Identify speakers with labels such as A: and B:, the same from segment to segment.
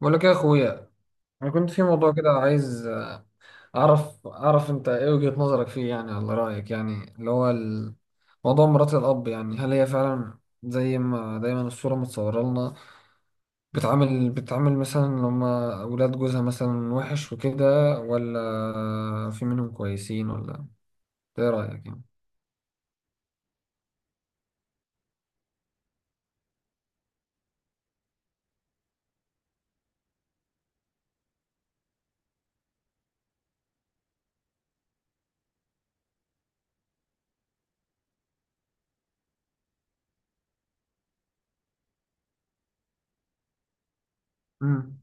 A: بقول لك إيه يا اخويا. انا كنت في موضوع كده عايز اعرف انت ايه وجهة نظرك فيه، يعني على رايك، موضوع مرات الاب، يعني هل هي فعلا زي ما دايما الصوره متصوره لنا؟ بتعامل مثلا لما اولاد جوزها، مثلا وحش وكده، ولا في منهم كويسين ولا ايه رايك يعني؟ امم.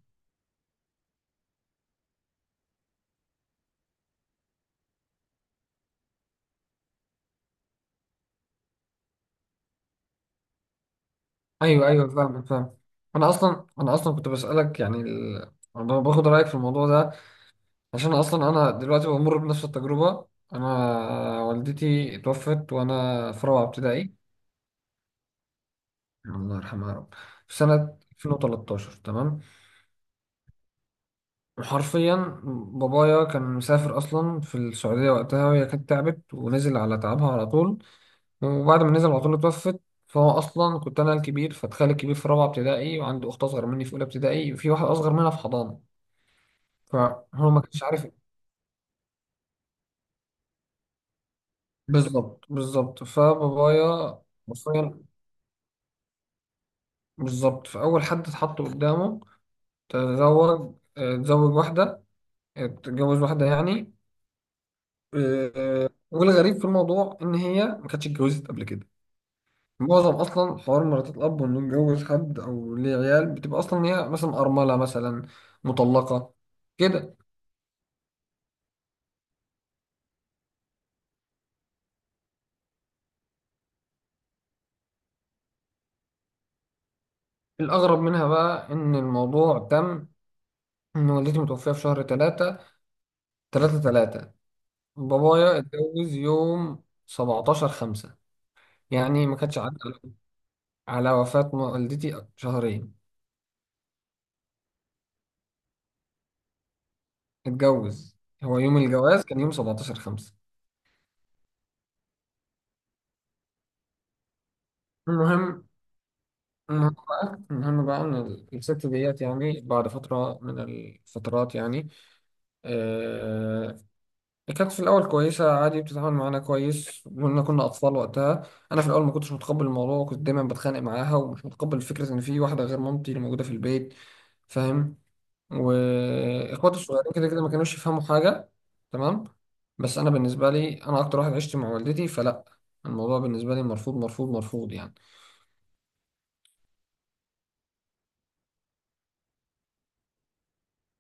A: ايوه ايوه، فاهم فاهم. انا اصلا كنت بسالك يعني أنا باخد رايك في الموضوع ده عشان اصلا انا دلوقتي بمر بنفس التجربه. انا والدتي توفت وانا في رابعه ابتدائي، الله يرحمها يا رب، في سنه 2013. تمام. وحرفيا بابايا كان مسافر اصلا في السعوديه وقتها، وهي كانت تعبت ونزل على تعبها على طول، وبعد ما نزل على طول اتوفت. فهو اصلا كنت انا الكبير، فتخيل الكبير في رابعه ابتدائي وعنده اخت اصغر مني في اولى ابتدائي وفي واحد اصغر منها في حضانه، فهو ما كانش عارف. بالظبط بالظبط، فبابايا حرفيا بالظبط، فأول حد اتحط قدامه تزوج. تزوج واحدة. تتجوز واحدة يعني. والغريب في الموضوع إن هي ما كانتش اتجوزت قبل كده. معظم أصلا حوار مرات الأب إنه يتجوز حد أو ليه عيال، بتبقى أصلا هي مثلا أرملة، مثلا مطلقة. كده الأغرب منها بقى إن الموضوع تم، إن والدتي متوفية في شهر تلاتة، تلاتة تلاتة، بابايا اتجوز يوم 17 خمسة. يعني ما كانتش عدى على وفاة والدتي شهرين، اتجوز. هو يوم الجواز كان يوم 17 خمسة. المهم، المهم بقى إن الست ديت يعني بعد فترة من الفترات يعني، آه، كانت في الأول كويسة عادي، بتتعامل معانا كويس، وإن كنا أطفال وقتها. أنا في الأول ما كنتش متقبل الموضوع، وكنت دايما بتخانق معاها، ومش متقبل فكرة إن في واحدة غير مامتي اللي موجودة في البيت، فاهم؟ واخواتي الصغيرين كده كده ما كانوش يفهموا حاجه. تمام. بس انا بالنسبه لي انا اكتر واحد عشت مع والدتي، فلا، الموضوع بالنسبه لي مرفوض مرفوض مرفوض يعني.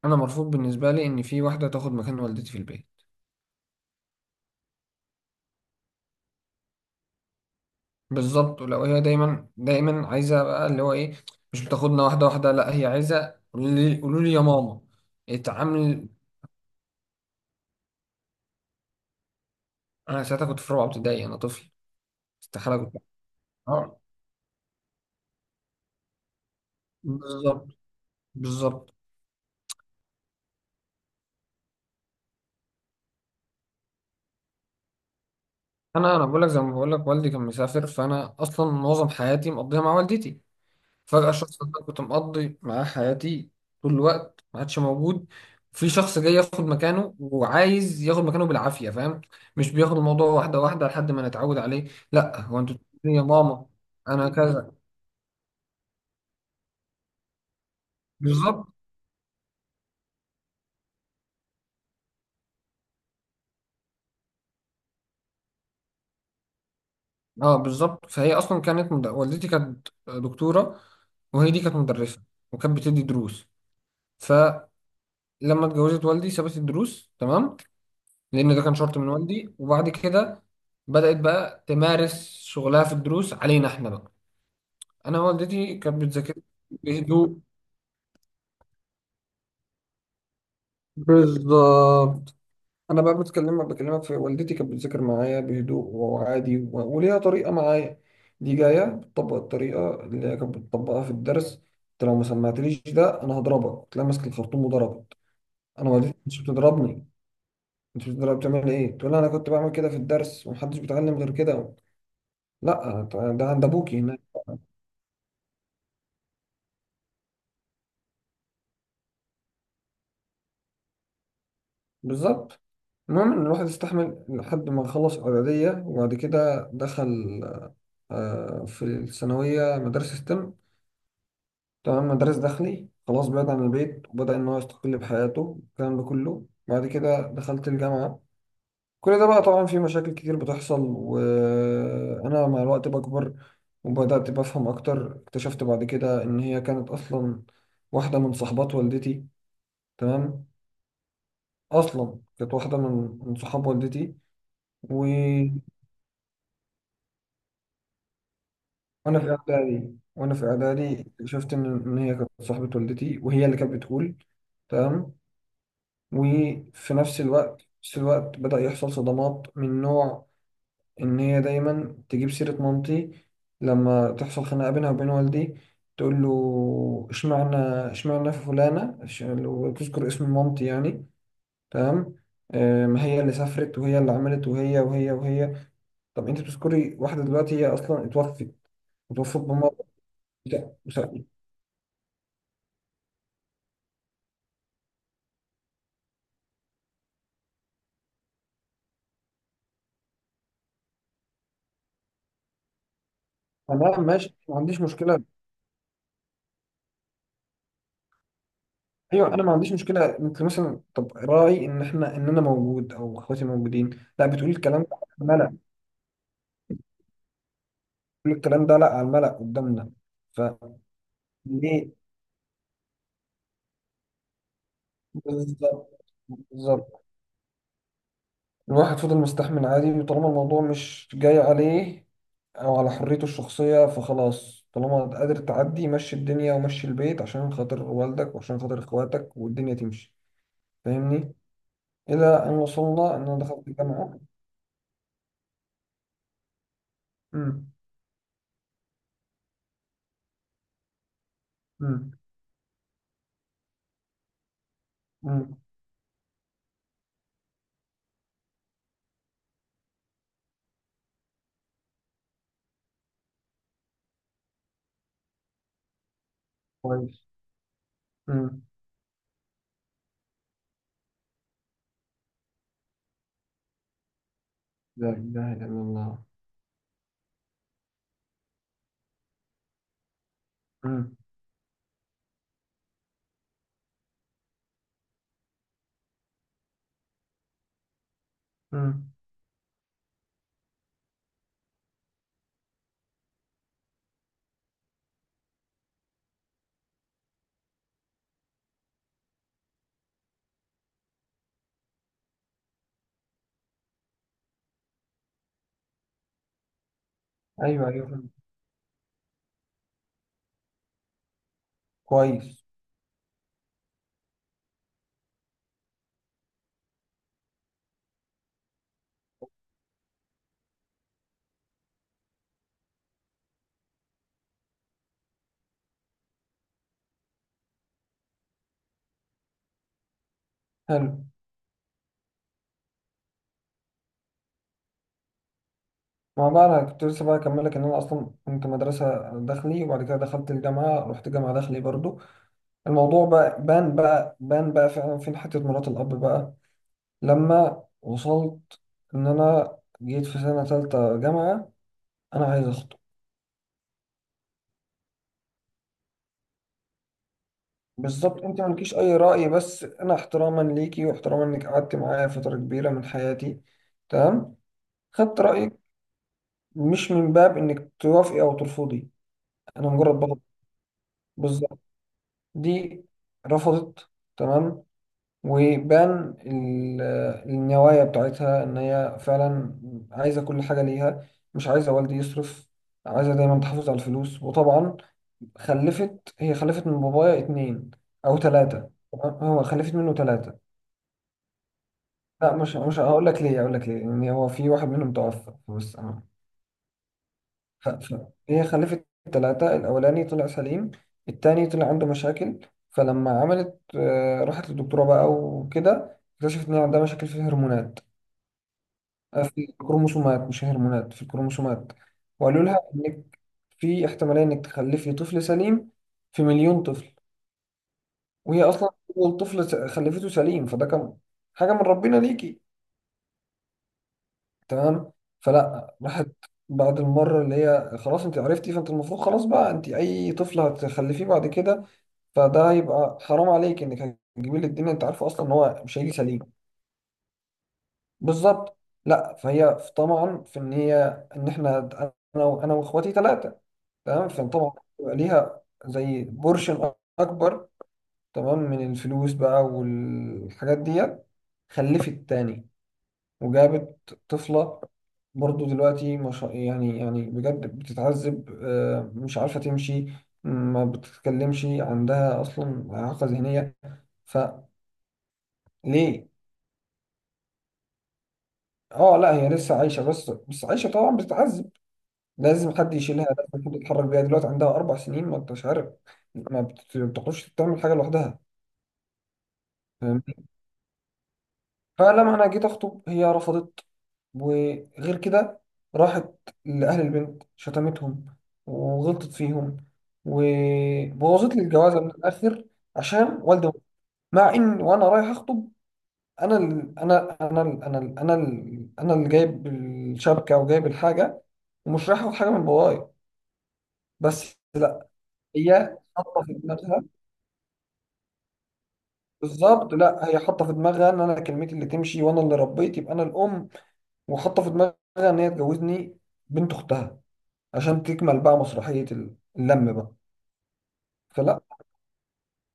A: انا مرفوض بالنسبه لي ان في واحده تاخد مكان والدتي في البيت. بالظبط. ولو هي دايما دايما عايزه بقى اللي هو ايه، مش بتاخدنا واحده واحده، لا هي عايزه قولوا لي قولوا لي يا ماما. اتعامل. انا ساعتها كنت في رابعه ابتدائي، انا طفل، استحاله كنت. آه، بالظبط بالظبط. انا بقول لك زي ما بقول لك والدي كان مسافر، فانا اصلا معظم حياتي مقضيها مع والدتي، فجاه الشخص اللي أنا كنت مقضي معاه حياتي طول الوقت ما عادش موجود، في شخص جاي ياخد مكانه وعايز ياخد مكانه بالعافيه، فاهم؟ مش بياخد الموضوع واحده واحده لحد ما نتعود عليه، لا هو انت بتقولي يا ماما. انا كذا. بالظبط. اه بالظبط، فهي اصلا والدتي كانت دكتوره، وهي دي كانت مدرسه، وكانت بتدي دروس. فلما اتجوزت والدي سابت الدروس، تمام، لان ده كان شرط من والدي. وبعد كده بدأت بقى تمارس شغلها في الدروس علينا احنا بقى. انا والدتي كانت بتذاكر بهدوء. بالظبط. انا بقى بكلمك، في والدتي كانت بتذاكر معايا بهدوء وعادي، وليها طريقه معايا. دي جايه بتطبق الطريقه اللي هي كانت بتطبقها في الدرس. انت لو ما سمعتليش ده انا هضربك، تلاقي ماسك الخرطوم وضربت. انا والدتي مش بتضربني، انت بتضرب، بتعمل ايه؟ تقول لي انا كنت بعمل كده في الدرس ومحدش بيتعلم غير كده. لا، ده عند ابوكي هناك. بالظبط. المهم إن الواحد استحمل لحد ما خلص إعدادية، وبعد كده دخل في الثانوية مدارس ستيم، تمام، مدارس داخلي، خلاص، بعيد عن البيت، وبدأ إن هو يستقل بحياته. الكلام ده كله بعد كده دخلت الجامعة. كل ده بقى طبعا في مشاكل كتير بتحصل وأنا مع الوقت بكبر، وبدأت بفهم أكتر. اكتشفت بعد كده إن هي كانت أصلا واحدة من صحبات والدتي. تمام. أصلا كانت واحدة من صحاب والدتي. وانا في اعدادي شفت ان إن هي كانت صاحبة والدتي وهي اللي كانت بتقول. تمام. وفي نفس الوقت في نفس الوقت بدأ يحصل صدمات من نوع ان هي دايما تجيب سيرة مامتي لما تحصل خناقة بينها وبين والدي. تقول له اشمعنى، اشمعنى في فلانة لو تذكر اسم مامتي يعني. تمام. ما هي اللي سافرت وهي اللي عملت وهي وهي وهي. طب انت بتذكري واحدة دلوقتي هي اصلا اتوفت، اتوفت بمرض. تمام ماشي، ما عنديش مشكله. ايوه انا ما عنديش مشكله، انت مثلا طب راعي ان احنا، ان انا موجود او اخواتي موجودين، لا بتقولي الكلام ده على الملأ. بتقولي الكلام ده لا على الملأ قدامنا، فليه؟ بالظبط بالظبط. الواحد فضل مستحمل عادي، وطالما الموضوع مش جاي عليه او على حريته الشخصيه فخلاص، طالما قادر تعدي مشي الدنيا ومشي البيت عشان خاطر والدك وعشان خاطر اخواتك والدنيا تمشي. فاهمني؟ الى ان وصلنا ان انا دخلت الجامعه. امم. امم. مم. كويس. مم. لا إله إلا الله. مم. مم. أيوه أيوه فهمت. كويس. حلو. ما بقى أنا كنت لسه بقى أكمل لك إن أنا أصلا كنت مدرسة داخلي وبعد كده دخلت الجامعة، رحت جامعة داخلي برضو. الموضوع بقى بان بقى بان بقى فعلا فين حتة مرات الأب بقى لما وصلت إن أنا جيت في سنة تالتة جامعة أنا عايز أخطب. بالظبط. أنت مالكيش أي رأي، بس أنا احتراما ليكي واحتراما إنك قعدت معايا فترة كبيرة من حياتي، تمام، خدت رأيك، مش من باب انك توافقي او ترفضي، انا مجرد بطل. بالظبط. دي رفضت. تمام. وبان ال- النوايا بتاعتها ان هي فعلا عايزه كل حاجه ليها، مش عايزه والدي يصرف، عايزه دايما تحافظ على الفلوس، وطبعا خلفت. هي خلفت من بابايا اتنين او 3. هو خلفت منه 3، لا مش هقول لك ليه، هقول لك ليه، ان هو في واحد منهم توفى بس. هي خلفت 3. الأولاني طلع سليم، التاني طلع عنده مشاكل. فلما عملت، راحت للدكتورة بقى وكده، اكتشفت إن هي عندها مشاكل في الهرمونات، في الكروموسومات، مش هرمونات، في الكروموسومات. وقالوا لها إنك في احتمالية إنك تخلفي طفل سليم في مليون طفل. وهي أصلا أول طفل خلفته سليم، فده كان حاجة من ربنا ليكي. تمام. فلا، راحت بعد المرة اللي هي خلاص انت عرفتي، فانت المفروض خلاص بقى، انت اي طفل هتخلفيه بعد كده فده هيبقى حرام عليك، انك هتجيبي له الدنيا انت عارفه اصلا ان هو مش هيجي سليم. بالظبط. لا، فهي طبعا في ان هي، ان احنا، انا واخواتي 3. تمام. فطبعا بيبقى ليها زي بورشن اكبر، تمام، من الفلوس بقى والحاجات ديت. خلفت تاني وجابت طفلة. برضو دلوقتي مش يعني يعني بجد بتتعذب، مش عارفة تمشي، ما بتتكلمش، عندها أصلا إعاقة ذهنية. فليه؟ اه لا، هي لسه عايشة، بس بس عايشة طبعا بتتعذب. لازم حد يشيلها، لازم حد يتحرك بيها، دلوقتي عندها 4 سنين، ما انتش عارف، ما بت- بتعرفش تعمل حاجة لوحدها. فلما انا جيت اخطب هي رفضت، وغير كده راحت لاهل البنت، شتمتهم وغلطت فيهم وبوظت لي الجوازه من الاخر، عشان والدي. مع ان وانا رايح اخطب، انا ال... انا انا ال... انا ال... انا ال... انا اللي جايب الشبكه وجايب الحاجه ومش رايح اخد حاجه من بابايا، بس. هي حاطه في دماغها. بالظبط. لا هي حاطه في دماغها ان انا كلمتي اللي تمشي وانا اللي ربيت، يبقى انا الام. وحاطه في دماغها ان هي تجوزني بنت اختها، عشان تكمل بقى مسرحيه اللم بقى. فلا،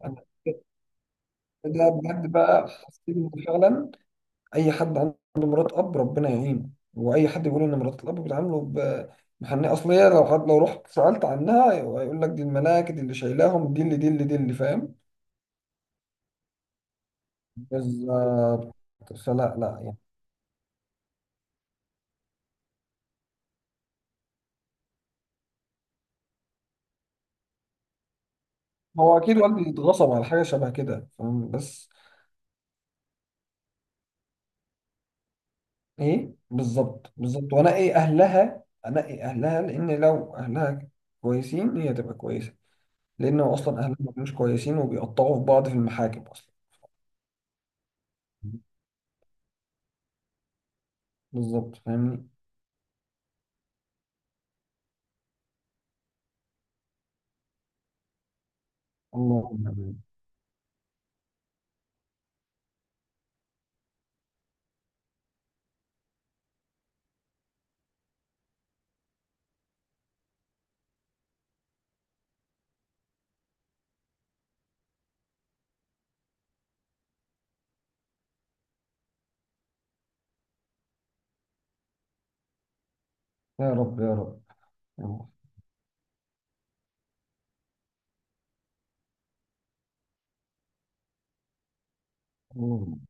A: أنا ده بجد بقى حسيت ان فعلا اي حد عنده مرات اب ربنا يعينه، واي حد بيقول ان مرات الاب بيتعاملوا ب محنية، اصل هي لو حد، لو رحت سالت عنها هيقول لك دي الملاك، دي اللي شايلاهم، دي اللي فاهم. بالظبط. فلا لا يعني، هو اكيد والدي اتغصب على حاجه شبه كده، فاهم؟ بس ايه، بالظبط بالظبط، وانقي اهلها، انقي اهلها، لان لو اهلها كويسين هي تبقى كويسه، لانه اصلا اهلها ما كانوش كويسين وبيقطعوا في بعض في المحاكم اصلا. بالظبط فاهمني. اللهم امين. يا رب يا رب يا رب. اللهم